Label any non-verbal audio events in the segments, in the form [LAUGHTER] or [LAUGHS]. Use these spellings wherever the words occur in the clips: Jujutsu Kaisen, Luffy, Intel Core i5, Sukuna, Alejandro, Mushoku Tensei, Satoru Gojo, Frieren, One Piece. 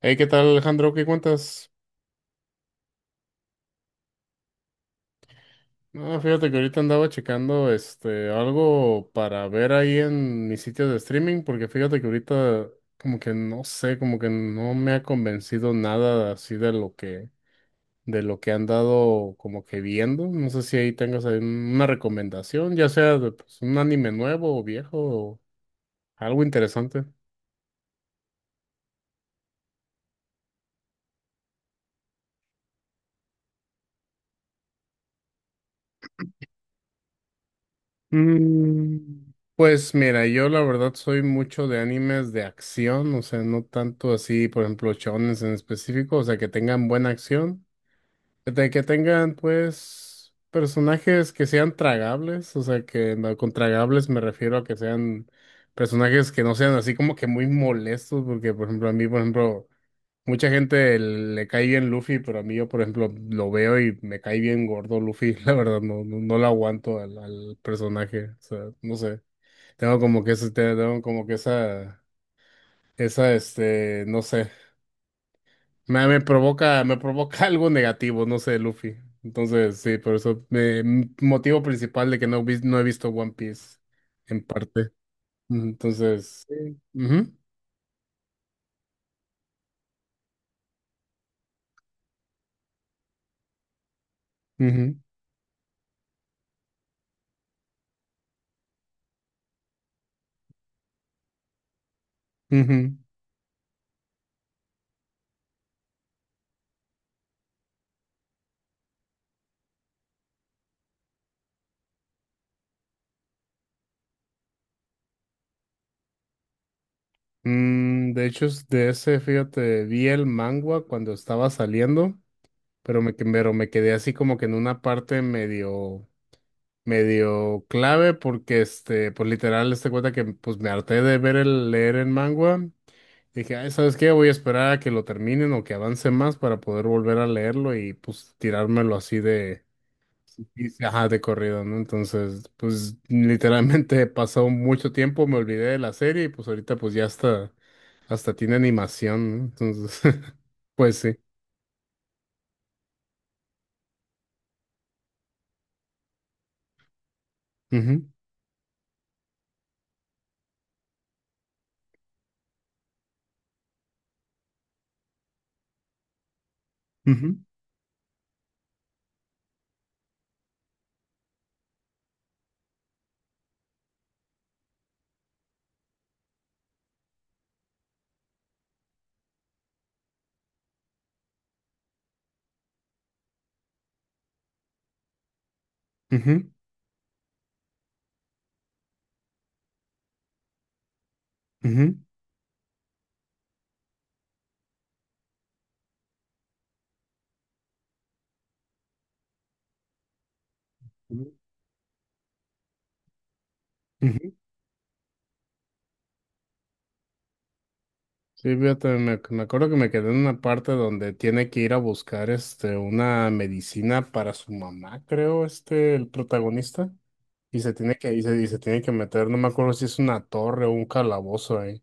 Hey, ¿qué tal, Alejandro? ¿Qué cuentas? No, fíjate que ahorita andaba checando este algo para ver ahí en mis sitios de streaming, porque fíjate que ahorita como que no sé, como que no me ha convencido nada así de lo que han dado como que viendo. No sé si ahí tengas ahí una recomendación, ya sea de pues, un anime nuevo o viejo o algo interesante. Pues mira, yo la verdad soy mucho de animes de acción, o sea, no tanto así, por ejemplo, shonens en específico, o sea, que tengan buena acción, de que tengan pues personajes que sean tragables, o sea, que no- con tragables me refiero a que sean personajes que no sean así como que muy molestos, porque por ejemplo, a mí, por ejemplo, mucha gente le cae bien Luffy, pero a mí yo, por ejemplo, lo veo y me cae bien gordo Luffy. [LAUGHS] La verdad, no, no, no lo aguanto al personaje. O sea, no sé. Tengo como que ese, tengo como que esa, no sé. Me provoca, me provoca [LAUGHS] algo negativo, no sé, Luffy. Entonces, sí, por eso, motivo principal de que no, no he visto One Piece, en parte. Ujú. Entonces, sí. Ujú, ujú, ujú. De hecho, es de ese, fíjate, vi el manga cuando estaba saliendo, pero pero me quedé así como que en una parte medio, medio clave porque, este, pues literal, este cuenta que pues me harté de leer el manga. Dije, ay, ¿sabes qué? Voy a esperar a que lo terminen o que avance más para poder volver a leerlo y pues tirármelo así de y sí, ajá, de corrido, ¿no? Entonces, pues literalmente [LAUGHS] pasó mucho tiempo, me olvidé de la serie y pues ahorita pues ya hasta, hasta tiene animación, ¿no? Entonces, [LAUGHS] pues sí. Ujú, ujú, ujú, ujú, ujú, ujú. Sí, fíjate, me acuerdo que me quedé en una parte donde tiene que ir a buscar este, una medicina para su mamá, creo, este, el protagonista. Y se tiene que, y se tiene que meter, no me acuerdo si es una torre o un calabozo. En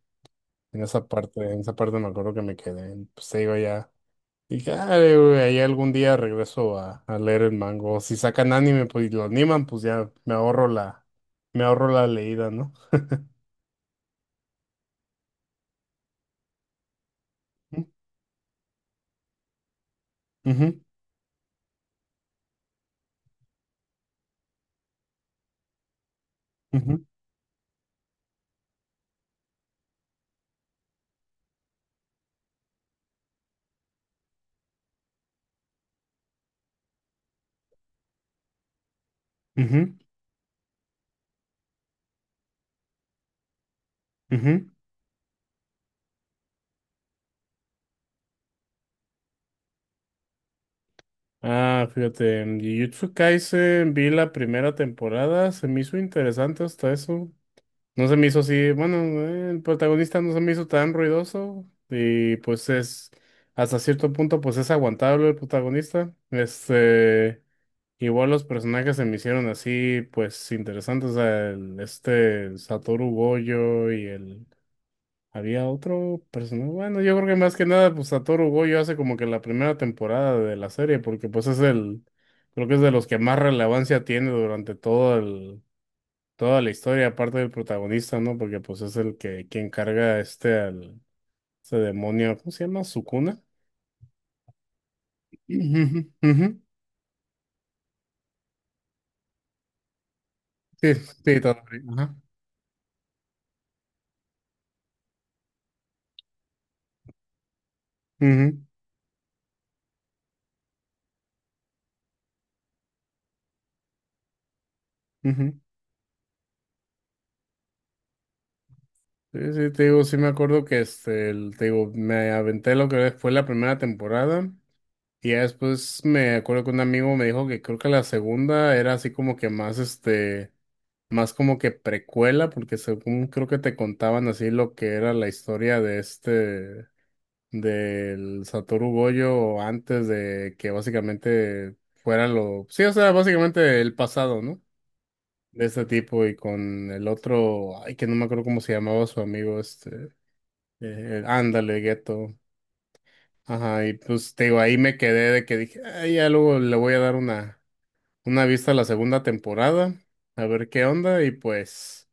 esa parte, En esa parte me acuerdo que me quedé. Pues se iba ya. Y dije, ah, güey, ahí algún día regreso a leer el mango. Si sacan anime, pues y lo animan, pues ya me ahorro me ahorro la leída, ¿no? Ujú, ujú, ujú, ujú. Ah, fíjate, en Jujutsu Kaisen vi la primera temporada, se me hizo interesante hasta eso. No se me hizo así, bueno, el protagonista no se me hizo tan ruidoso y pues es, hasta cierto punto pues es aguantable el protagonista. Este, igual los personajes se me hicieron así pues interesantes, o sea, este Satoru Gojo y el, había otro personaje, bueno, yo creo que más que nada pues Satoru Gojo hace como que la primera temporada de la serie porque pues es el, creo que es de los que más relevancia tiene durante todo toda la historia, aparte del protagonista, ¿no? Porque pues es el que quien carga este al demonio, ¿cómo se llama? ¿Sukuna? Ujú, ujú. Sí, sí, todo bien, ajá. Ujú, ujú. Sí, sí, te digo, sí me acuerdo que este, te digo, me aventé lo que fue la primera temporada y ya después me acuerdo que un amigo me dijo que creo que la segunda era así como que más este, más como que precuela porque según creo que te contaban así lo que era la historia de este del Satoru Gojo antes de que básicamente fuera lo, sí, o sea, básicamente el pasado, ¿no? De este tipo y con el otro, ay, que no me acuerdo cómo se llamaba su amigo, ándale, gueto. Ajá, y pues te digo, ahí me quedé de que dije, ah ya luego le voy a dar una vista a la segunda temporada, a ver qué onda, y pues,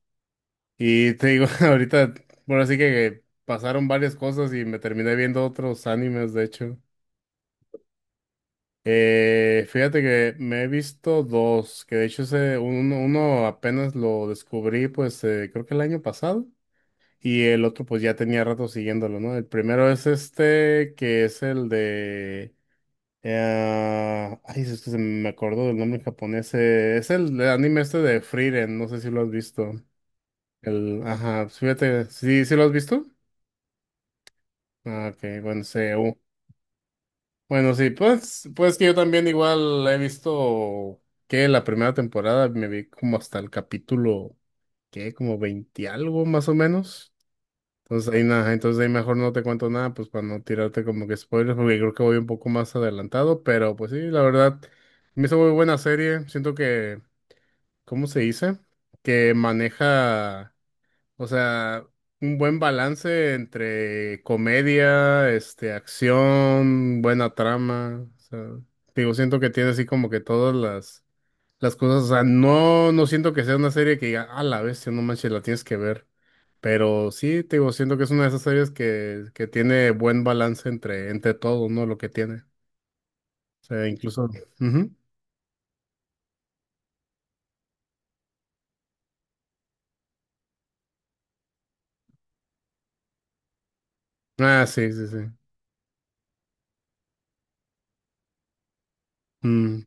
y te digo, [LAUGHS] ahorita, bueno, así que pasaron varias cosas y me terminé viendo otros animes, de hecho. Fíjate que me he visto dos, que de hecho ese, uno, uno apenas lo descubrí, pues creo que el año pasado, y el otro pues ya tenía rato siguiéndolo, ¿no? El primero es este, que es el de... ay, es que se me acordó del nombre japonés, es el anime este de Frieren, no sé si lo has visto. El, ajá, pues, fíjate, ¿sí, sí lo has visto? Ah, ok, bueno, sí. Bueno, sí, pues, pues que yo también igual he visto que la primera temporada me vi como hasta el capítulo, que como 20 algo más o menos. Entonces ahí nada, entonces ahí mejor no te cuento nada, pues para no tirarte como que spoilers, porque creo que voy un poco más adelantado, pero pues sí, la verdad, me hizo muy buena serie. Siento que, ¿cómo se dice? Que maneja. O sea, un buen balance entre comedia, este, acción, buena trama. O sea, digo, siento que tiene así como que todas las cosas. O sea, no, no siento que sea una serie que diga, a la bestia, no manches, la tienes que ver. Pero sí, te digo, siento que es una de esas series que tiene buen balance entre, entre todo, ¿no? Lo que tiene. O sea, incluso. Ujú. Ah, sí, sí, sí. Mm,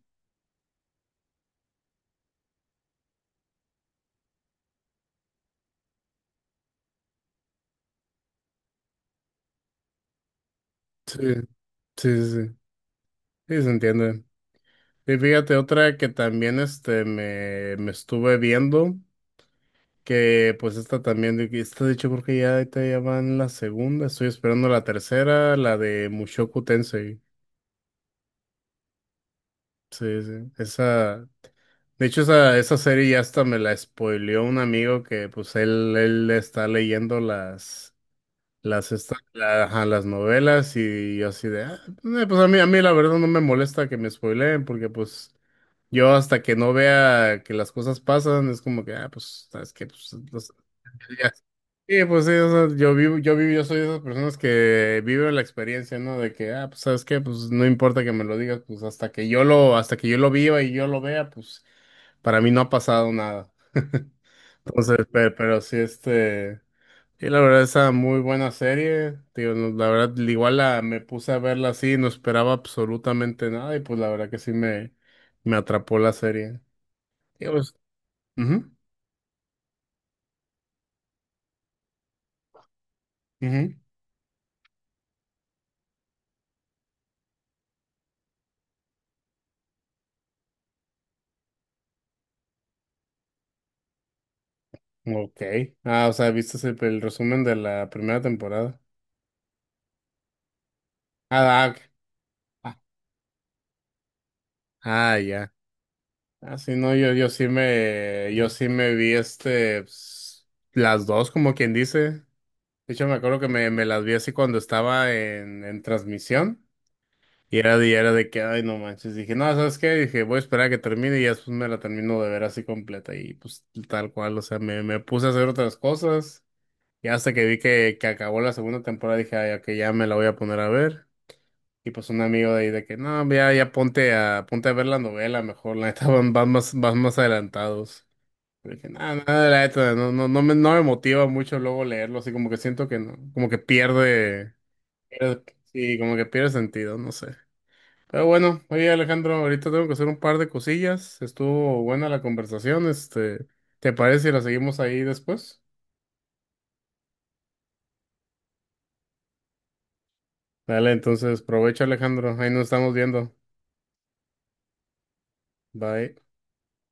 sí, sí, sí, sí. Sí, se entiende. Y fíjate, otra que también este me estuve viendo, que pues esta también, esta de hecho creo que ya, ahorita ya va en la segunda, estoy esperando la tercera, la de Mushoku Tensei. Sí, sí. Esa, de hecho esa, esa serie ya hasta me la spoileó un amigo que pues él está leyendo ajá, las novelas y yo así de, "Ah, pues a mí la verdad no me molesta que me spoileen porque pues... Yo hasta que no vea que las cosas pasan, es como que, ah, pues, ¿sabes que pues, los- ya. Sí, pues sí, o sea, yo vivo, yo vivo, yo soy de esas personas que vive la experiencia, ¿no? De que, ah, pues, ¿sabes qué? Pues no importa que me lo digas, pues hasta que yo lo, hasta que yo lo viva y yo lo vea, pues para mí no ha pasado nada. [LAUGHS] Entonces, pero sí, este, sí, la verdad, esa muy buena serie, tío no, la verdad, igual la, me puse a verla así, no esperaba absolutamente nada y pues la verdad que sí me atrapó la serie. Ujú, ujú. Ok. Ah, o sea, viste el resumen de la primera temporada. Ah, ah, ok. Ah, ah, ya. Ah, sí, no, yo, yo sí me vi este, pues, las dos, como quien dice. De hecho, me acuerdo que me las vi así cuando estaba en transmisión. Y era de que, ay, no manches. Dije, no, ¿sabes qué? Dije, voy a esperar a que termine y ya después me la termino de ver así completa. Y pues tal cual, o sea, me puse a hacer otras cosas. Ya hasta que vi que acabó la segunda temporada dije, ay, ok, ya me la voy a poner a ver. Y pues un amigo de ahí de que, no, ya, ya ponte ponte a ver la novela mejor, la neta [LAUGHS] van, van más adelantados. Y dije, nada, nada, la neta, no, no, no me motiva mucho luego leerlo, así como que siento que no, como que pierde, pierde- sí, como que pierde sentido, no sé. Pero bueno, oye Alejandro, ahorita tengo que hacer un par de cosillas, estuvo buena la conversación, este, ¿te parece si la seguimos ahí después? Dale, entonces, aprovecha Alejandro. Ahí nos estamos viendo. Bye.